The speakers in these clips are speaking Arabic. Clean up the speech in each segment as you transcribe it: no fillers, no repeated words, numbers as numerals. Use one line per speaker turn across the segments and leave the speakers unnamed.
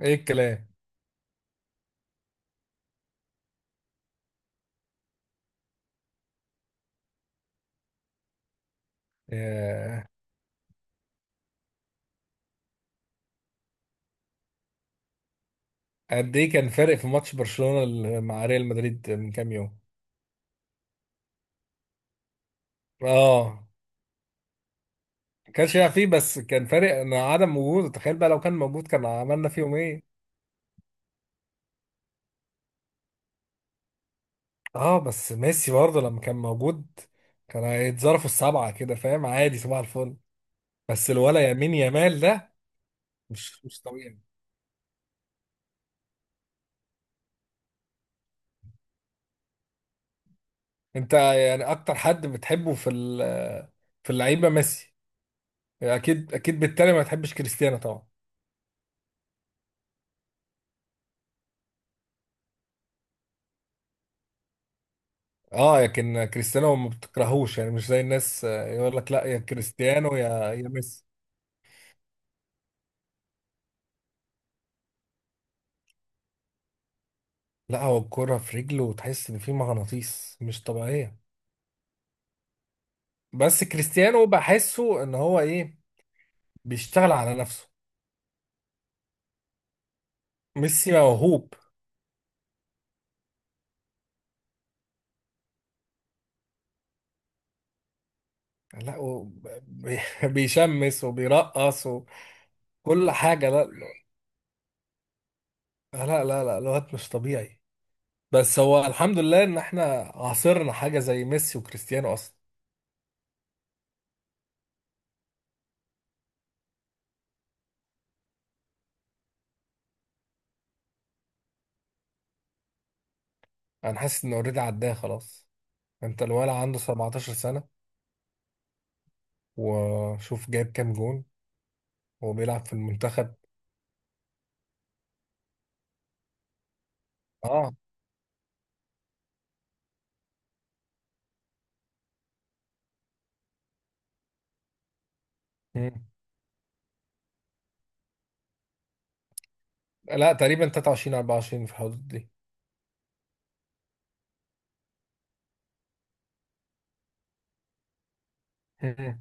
ايه الكلام. ياه. قد ايه كان فارق في ماتش برشلونة مع ريال مدريد من كام يوم؟ اه، ما كانش يلعب فيه بس كان فارق ان عدم وجوده، تخيل بقى لو كان موجود كان عملنا فيهم ايه. اه بس ميسي برضه لما كان موجود كان هيتظرفوا السبعة كده، فاهم؟ عادي، صباح الفل. بس الولا يمين يمال ده مش طبيعي. انت يعني اكتر حد بتحبه في في اللعيبة ميسي؟ اكيد اكيد، بالتالي ما تحبش كريستيانو طبعا. اه لكن كريستيانو ما بتكرهوش يعني، مش زي الناس، يقول لك لا يا كريستيانو يا يا ميسي. لا، هو الكرة في رجله وتحس ان في مغناطيس، مش طبيعية. بس كريستيانو بحسه ان هو ايه، بيشتغل على نفسه. ميسي موهوب. لا هو بي- بيشمس وبيرقص وكل حاجة. لا لا، لا لا، الواد مش طبيعي. بس هو الحمد لله ان احنا عاصرنا حاجة زي ميسي وكريستيانو اصلا. انا حاسس ان اوريدي عداه خلاص. انت الولد عنده 17 سنة، وشوف جايب كام جون، هو بيلعب في المنتخب. اه. مم. لا تقريبا 23 24 في الحدود دي. مم.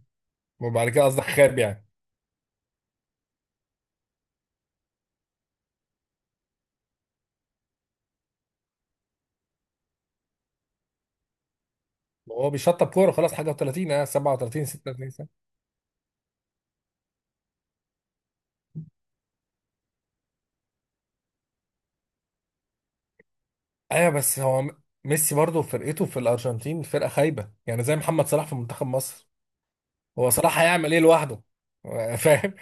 وبعد كده قصدك خاب يعني. هو بيشطب كوره خلاص حاجه، و30 اه 37 36 سنه. ايوه بس هو ميسي برضه فرقته في الارجنتين فرقه خايبه، يعني زي محمد صلاح في منتخب مصر. هو صلاح هيعمل ايه لوحده؟ فاهم.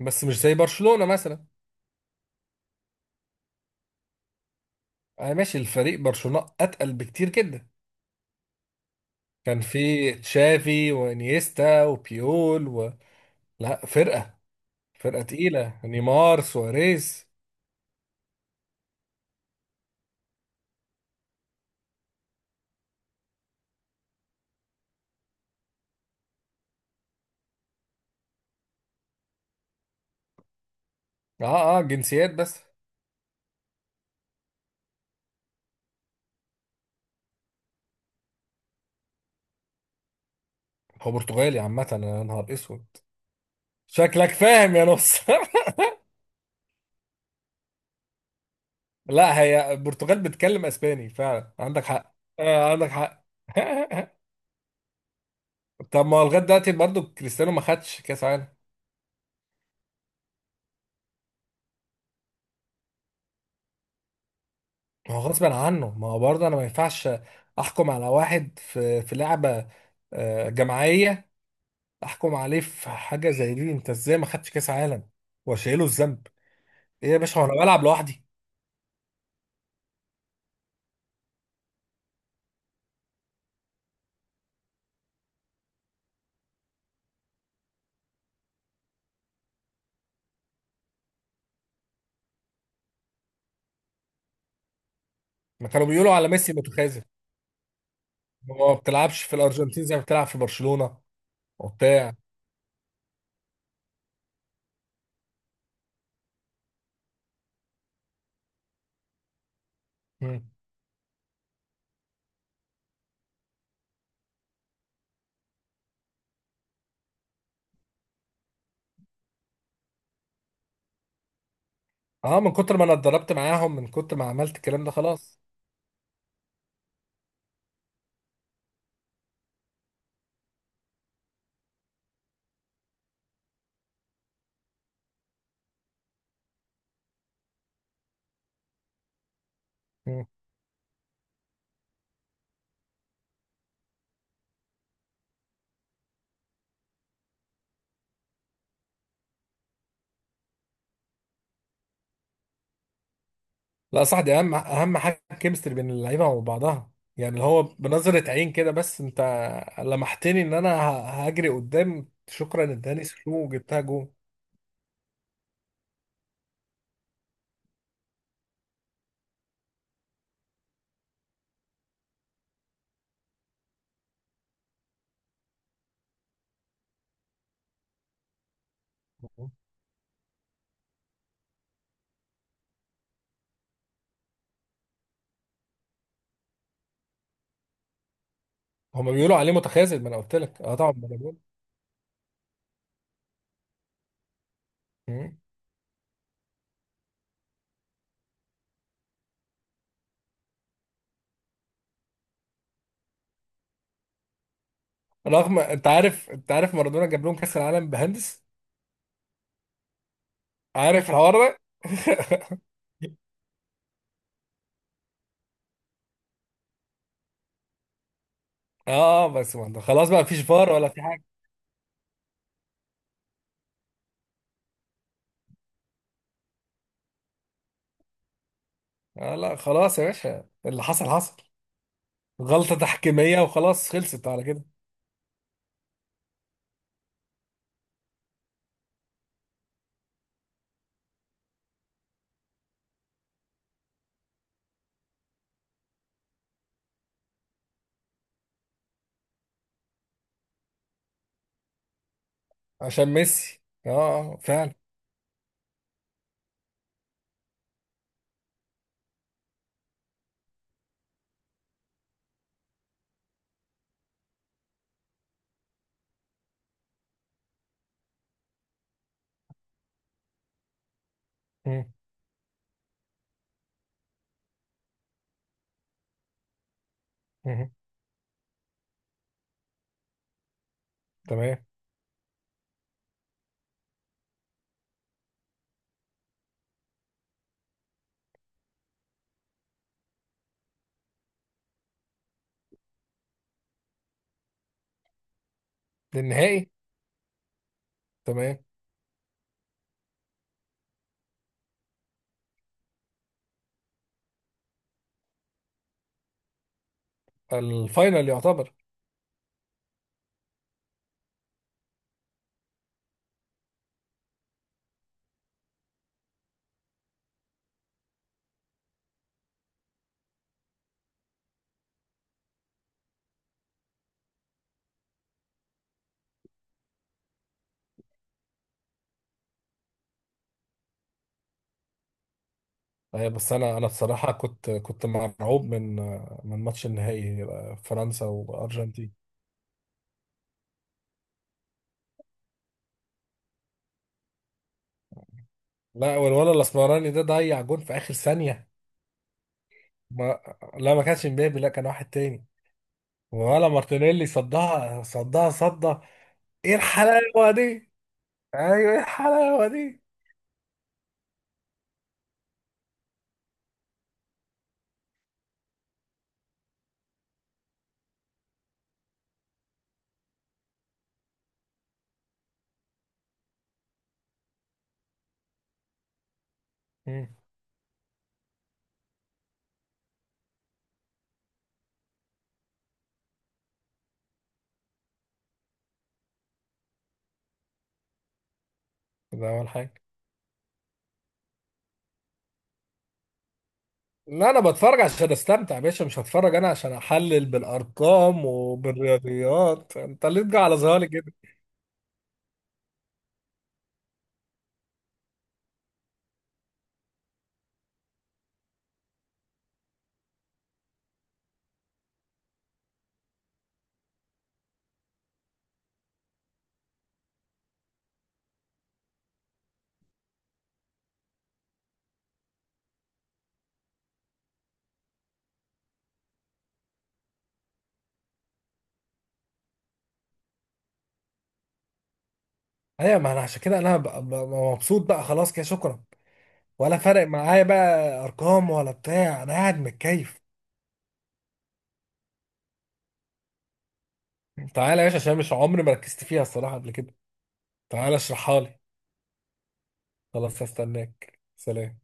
بس مش زي برشلونه مثلا. انا ماشي، الفريق برشلونه اتقل بكتير جدا. كان في تشافي وانيستا وبيول و... لا فرقه، فرقة تقيلة، نيمار سواريز. اه. اه جنسيات بس. هو برتغالي عامة، يا نهار اسود. شكلك فاهم يا نص. لا، هي البرتغال بتتكلم اسباني فعلا، عندك حق، آه عندك حق. طب ما هو لغايه دلوقتي برضه كريستيانو ما خدش كاس عالم. ما هو غصب عنه، ما هو برضه انا ما ينفعش احكم على واحد في لعبه جماعيه. احكم عليه في حاجه زي دي؟ انت ازاي ما خدش كاس عالم واشيله الذنب؟ ايه يا باشا، هو انا بلعب لوحدي؟ ما كانوا بيقولوا على ميسي متخاذل. هو ما بتلعبش في الارجنتين زي ما بتلعب في برشلونة. وبتاع. مم. اه من كتر ما انا اتدربت معاهم، من كتر ما عملت الكلام ده خلاص. مم. لا صح، دي اهم اهم حاجة الكيمستري بين اللعيبة وبعضها. يعني اللي هو بنظرة عين كده بس انت لمحتني ان انا هجري قدام، شكرا، اداني سلو وجبتها جون. مم. هما بيقولوا عليه متخاذل، ما انا قلت لك. اه طبعا مارادونا. مم. رغم، انت عارف، انت عارف مارادونا جاب لهم كاس العالم بهندس، عارف الحوار ده؟ اه، بس ما انت خلاص بقى مفيش فار ولا في حاجه. آه لا خلاص يا باشا، اللي حصل حصل، غلطه تحكيميه وخلاص، خلصت على كده. عشان ميسي، اه فعلا. مم. مم. تمام. ده النهائي. تمام. الفاينل يعتبر. آه بس انا بصراحه كنت مرعوب من من ماتش النهائي، فرنسا وارجنتين. لا والولد الاسمراني ده ضيع جون في اخر ثانيه. ما لا، ما كانش مبابي، لا كان واحد تاني. ولا مارتينيلي، صدها صدها صدها. ايه الحلاوه دي. ايوه، ايه الحلاوه دي. مم. ده اول حاجه. لا انا بتفرج عشان استمتع يا باشا، مش هتفرج انا عشان احلل بالارقام وبالرياضيات، انت ليه تجي على ظهري كده؟ ايوه، ما انا عشان كده انا مبسوط بقى خلاص كده، شكرا. ولا فارق معايا بقى، ارقام ولا بتاع، انا قاعد متكيف. تعالى يا باشا عشان مش عمري ما ركزت فيها الصراحه قبل كده. تعالى اشرحها لي. خلاص هستناك، سلام.